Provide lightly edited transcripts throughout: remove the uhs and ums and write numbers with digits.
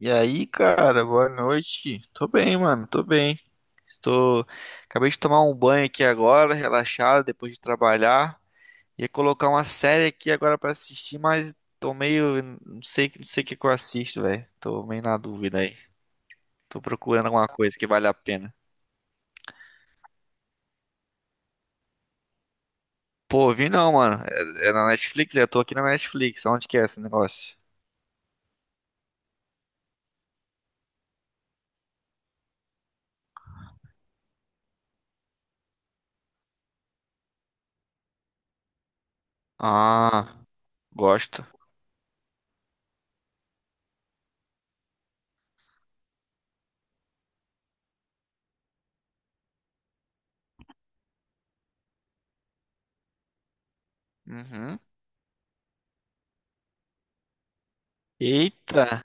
E aí, cara, boa noite. Tô bem, mano, tô bem. Estou. Acabei de tomar um banho aqui agora, relaxado, depois de trabalhar. Ia colocar uma série aqui agora pra assistir, mas tô meio. Não sei, não sei o que que eu assisto, velho. Tô meio na dúvida aí. Tô procurando alguma coisa que vale a pena. Pô, vi não, mano. É na Netflix? É, eu tô aqui na Netflix. Onde que é esse negócio? Ah, gosto. Uhum. Eita,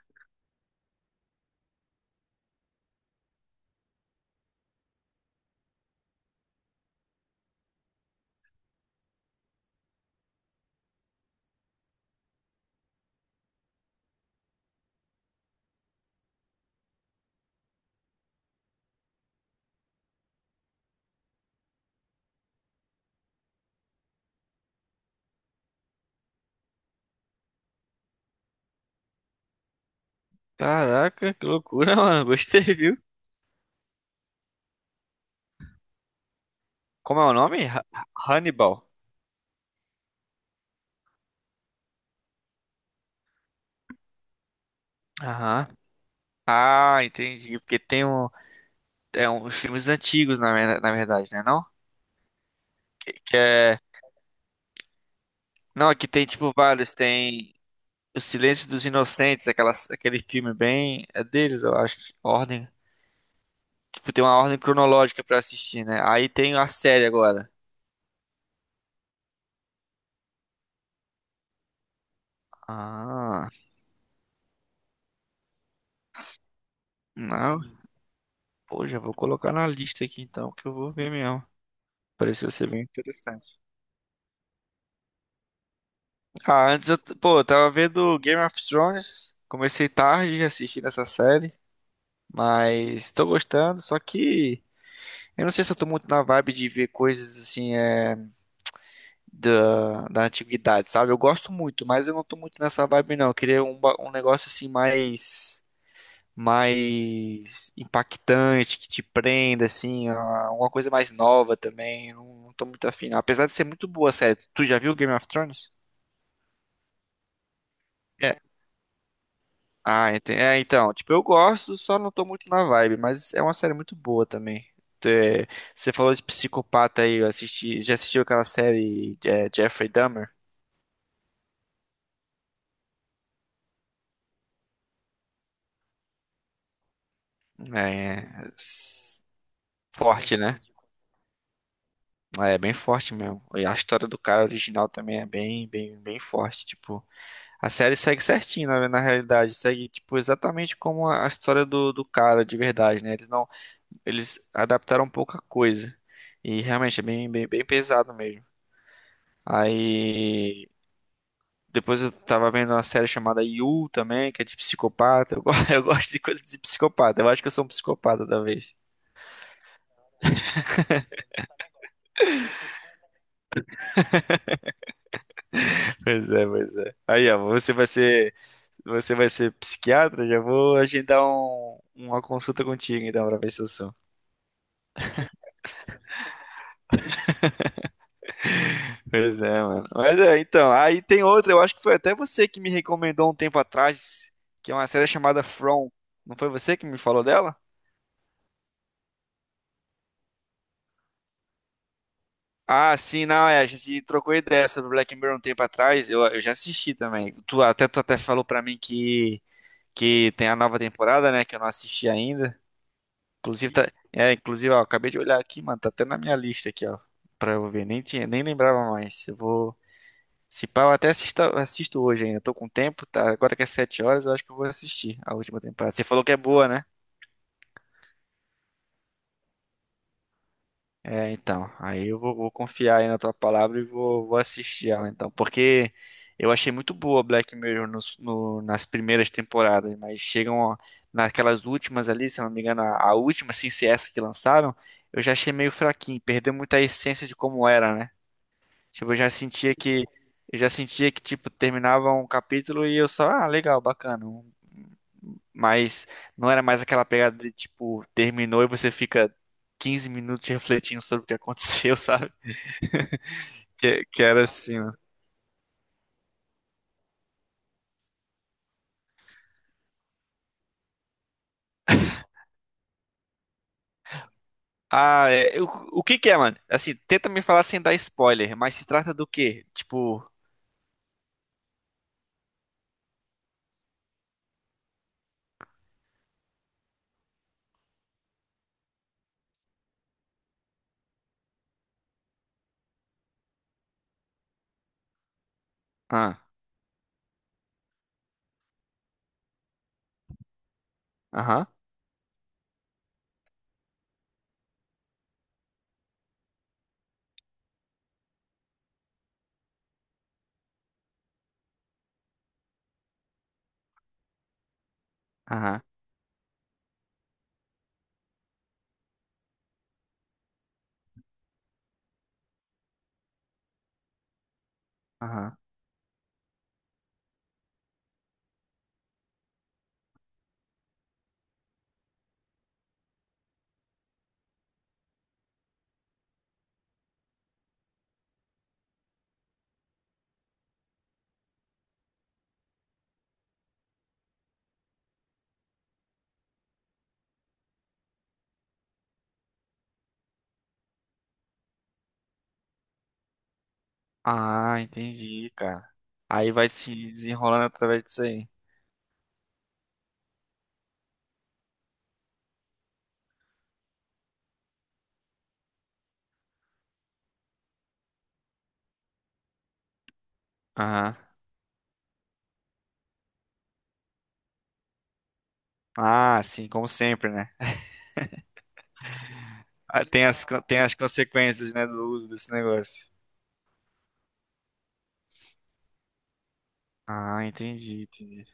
caraca, que loucura, mano. Gostei, viu? Como é o nome? Hannibal. Aham. Ah, entendi. Porque tem um, os filmes antigos, na verdade, né? Não? Que é, não, aqui tem tipo vários. Tem O Silêncio dos Inocentes, aquele filme bem. É deles, eu acho. Ordem. Tipo, tem uma ordem cronológica pra assistir, né? Aí tem a série agora. Ah, não. Pô, já vou colocar na lista aqui então, que eu vou ver mesmo. Pareceu ser bem interessante. Ah, antes pô, eu tava vendo Game of Thrones, comecei tarde assistindo essa série, mas tô gostando, só que eu não sei se eu tô muito na vibe de ver coisas assim, é, da antiguidade, sabe? Eu gosto muito, mas eu não tô muito nessa vibe não, eu queria um negócio assim mais impactante, que te prenda, assim, uma coisa mais nova também, eu não tô muito afim, não. Apesar de ser muito boa a série, tu já viu Game of Thrones? Ah, é, então, tipo, eu gosto, só não tô muito na vibe, mas é uma série muito boa também. É, você falou de psicopata aí, já assistiu aquela série é, Jeffrey Dahmer? É, s- forte, né? É bem forte mesmo. E a história do cara original também é bem, bem, bem forte. Tipo, a série segue certinho, na realidade, segue tipo exatamente como a história do cara de verdade, né? Eles não, eles adaptaram pouca coisa. E realmente é bem, bem, bem pesado mesmo. Aí depois eu tava vendo uma série chamada You também, que é de psicopata. Eu gosto de coisa de psicopata. Eu acho que eu sou um psicopata, talvez. Pois é, pois é. Aí, ó, você vai ser psiquiatra? Já vou agendar uma consulta contigo, então, pra ver se eu sou. Pois é, mano. Mas é, então, aí tem outra, eu acho que foi até você que me recomendou um tempo atrás, que é uma série chamada From. Não foi você que me falou dela? Ah, sim, não, é, a gente trocou ideia sobre Black Mirror um tempo atrás, eu já assisti também. Tu até falou pra mim que tem a nova temporada, né, que eu não assisti ainda. Inclusive, tá, inclusive, ó, acabei de olhar aqui, mano, tá até na minha lista aqui, ó, pra eu ver, nem tinha, nem lembrava mais. Eu vou, se pá, eu até assisto hoje ainda, tô com tempo, tá, agora que é 7 horas, eu acho que eu vou assistir a última temporada. Você falou que é boa, né? É, então, aí eu vou confiar aí na tua palavra e vou assistir ela, então, porque eu achei muito boa Black Mirror nas primeiras temporadas, mas chegam ó, naquelas últimas ali, se eu não me engano, a última, assim, se essa que lançaram, eu já achei meio fraquinho, perdeu muita essência de como era, né? Tipo, eu já sentia que tipo terminava um capítulo e eu só, ah, legal, bacana. Mas não era mais aquela pegada de tipo terminou e você fica 15 minutos refletindo sobre o que aconteceu, sabe? Que era assim, mano. Ah, é, o que que é, mano? Assim, tenta me falar sem dar spoiler, mas se trata do quê? Tipo, ah, aham, aham, aham. Ah, entendi, cara. Aí vai se desenrolando através disso aí. Aham. Ah, sim, como sempre, né? Ah, tem as consequências, né, do uso desse negócio. Ah, entendi, entendi.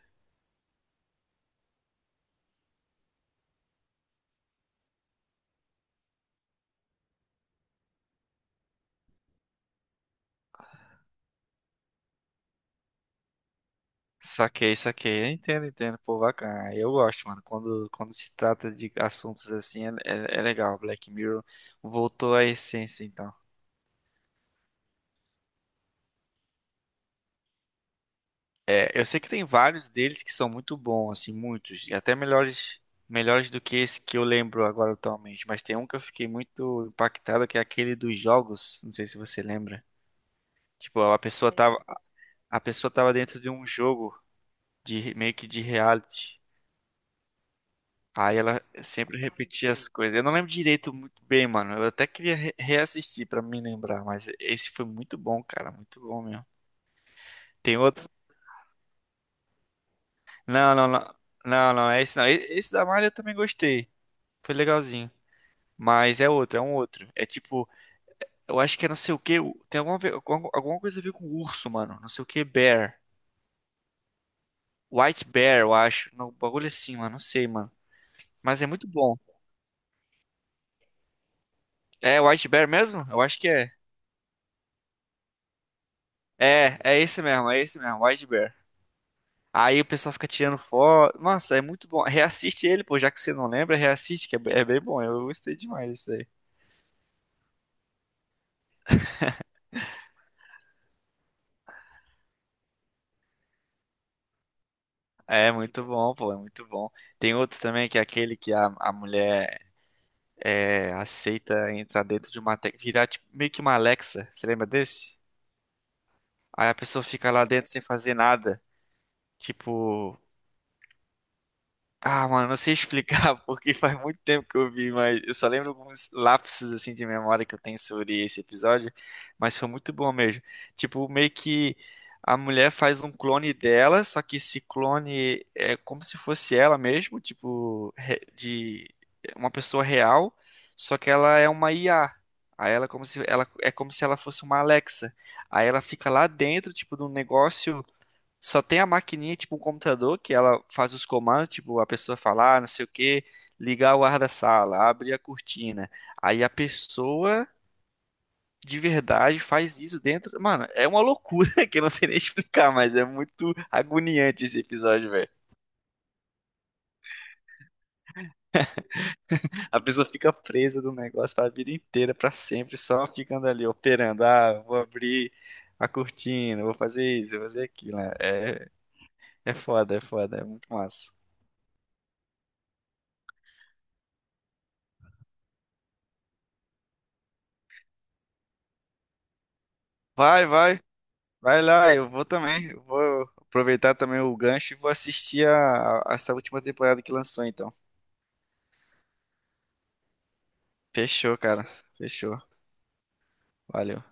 Saquei, saquei. Eu entendo, entendo. Pô, bacana. Ah, eu gosto, mano. Quando se trata de assuntos assim, é legal. Black Mirror voltou à essência, então. É, eu sei que tem vários deles que são muito bons, assim, muitos. E até melhores do que esse que eu lembro agora atualmente. Mas tem um que eu fiquei muito impactado, que é aquele dos jogos. Não sei se você lembra. Tipo, a pessoa tava dentro de um jogo. De meio que de reality. Aí ela sempre repetia as coisas. Eu não lembro direito muito bem, mano. Eu até queria reassistir pra me lembrar, mas esse foi muito bom, cara, muito bom mesmo. Tem outro? Não, não, não. Não, não, é esse não. Esse da Malha eu também gostei. Foi legalzinho. Mas é um outro. É tipo, eu acho que é não sei o que. Tem alguma, alguma coisa a ver com urso, mano. Não sei o que, bear. White Bear, eu acho. Não, bagulho assim, mano. Não sei, mano. Mas é muito bom. É White Bear mesmo? Eu acho que é. É, é esse mesmo, White Bear. Aí o pessoal fica tirando foto. Nossa, é muito bom. Reassiste ele, pô, já que você não lembra, reassiste, que é bem bom. Eu gostei demais disso daí. É muito bom, pô, é muito bom. Tem outro também que é aquele que a mulher aceita entrar dentro de uma, virar tipo, meio que uma Alexa. Você lembra desse? Aí a pessoa fica lá dentro sem fazer nada. Tipo. Ah, mano, não sei explicar porque faz muito tempo que eu vi, mas eu só lembro alguns lapsos assim de memória que eu tenho sobre esse episódio, mas foi muito bom mesmo. Tipo, meio que a mulher faz um clone dela, só que esse clone é como se fosse ela mesmo, tipo, de uma pessoa real, só que ela é uma IA. Aí ela é como se ela fosse uma Alexa. Aí ela fica lá dentro, tipo, de um negócio só tem a maquininha, tipo um computador, que ela faz os comandos, tipo a pessoa falar, não sei o que ligar o ar da sala, abrir a cortina. Aí a pessoa de verdade faz isso dentro. Mano, é uma loucura que eu não sei nem explicar, mas é muito agoniante esse episódio, velho. A pessoa fica presa no negócio a vida inteira, pra sempre, só ficando ali operando. Ah, vou abrir a cortina, vou fazer isso, vou fazer aquilo, né? É, é foda, é foda, é muito massa. Vai, vai. Vai lá, eu vou também. Eu vou aproveitar também o gancho e vou assistir essa última temporada que lançou, então. Fechou, cara. Fechou. Valeu.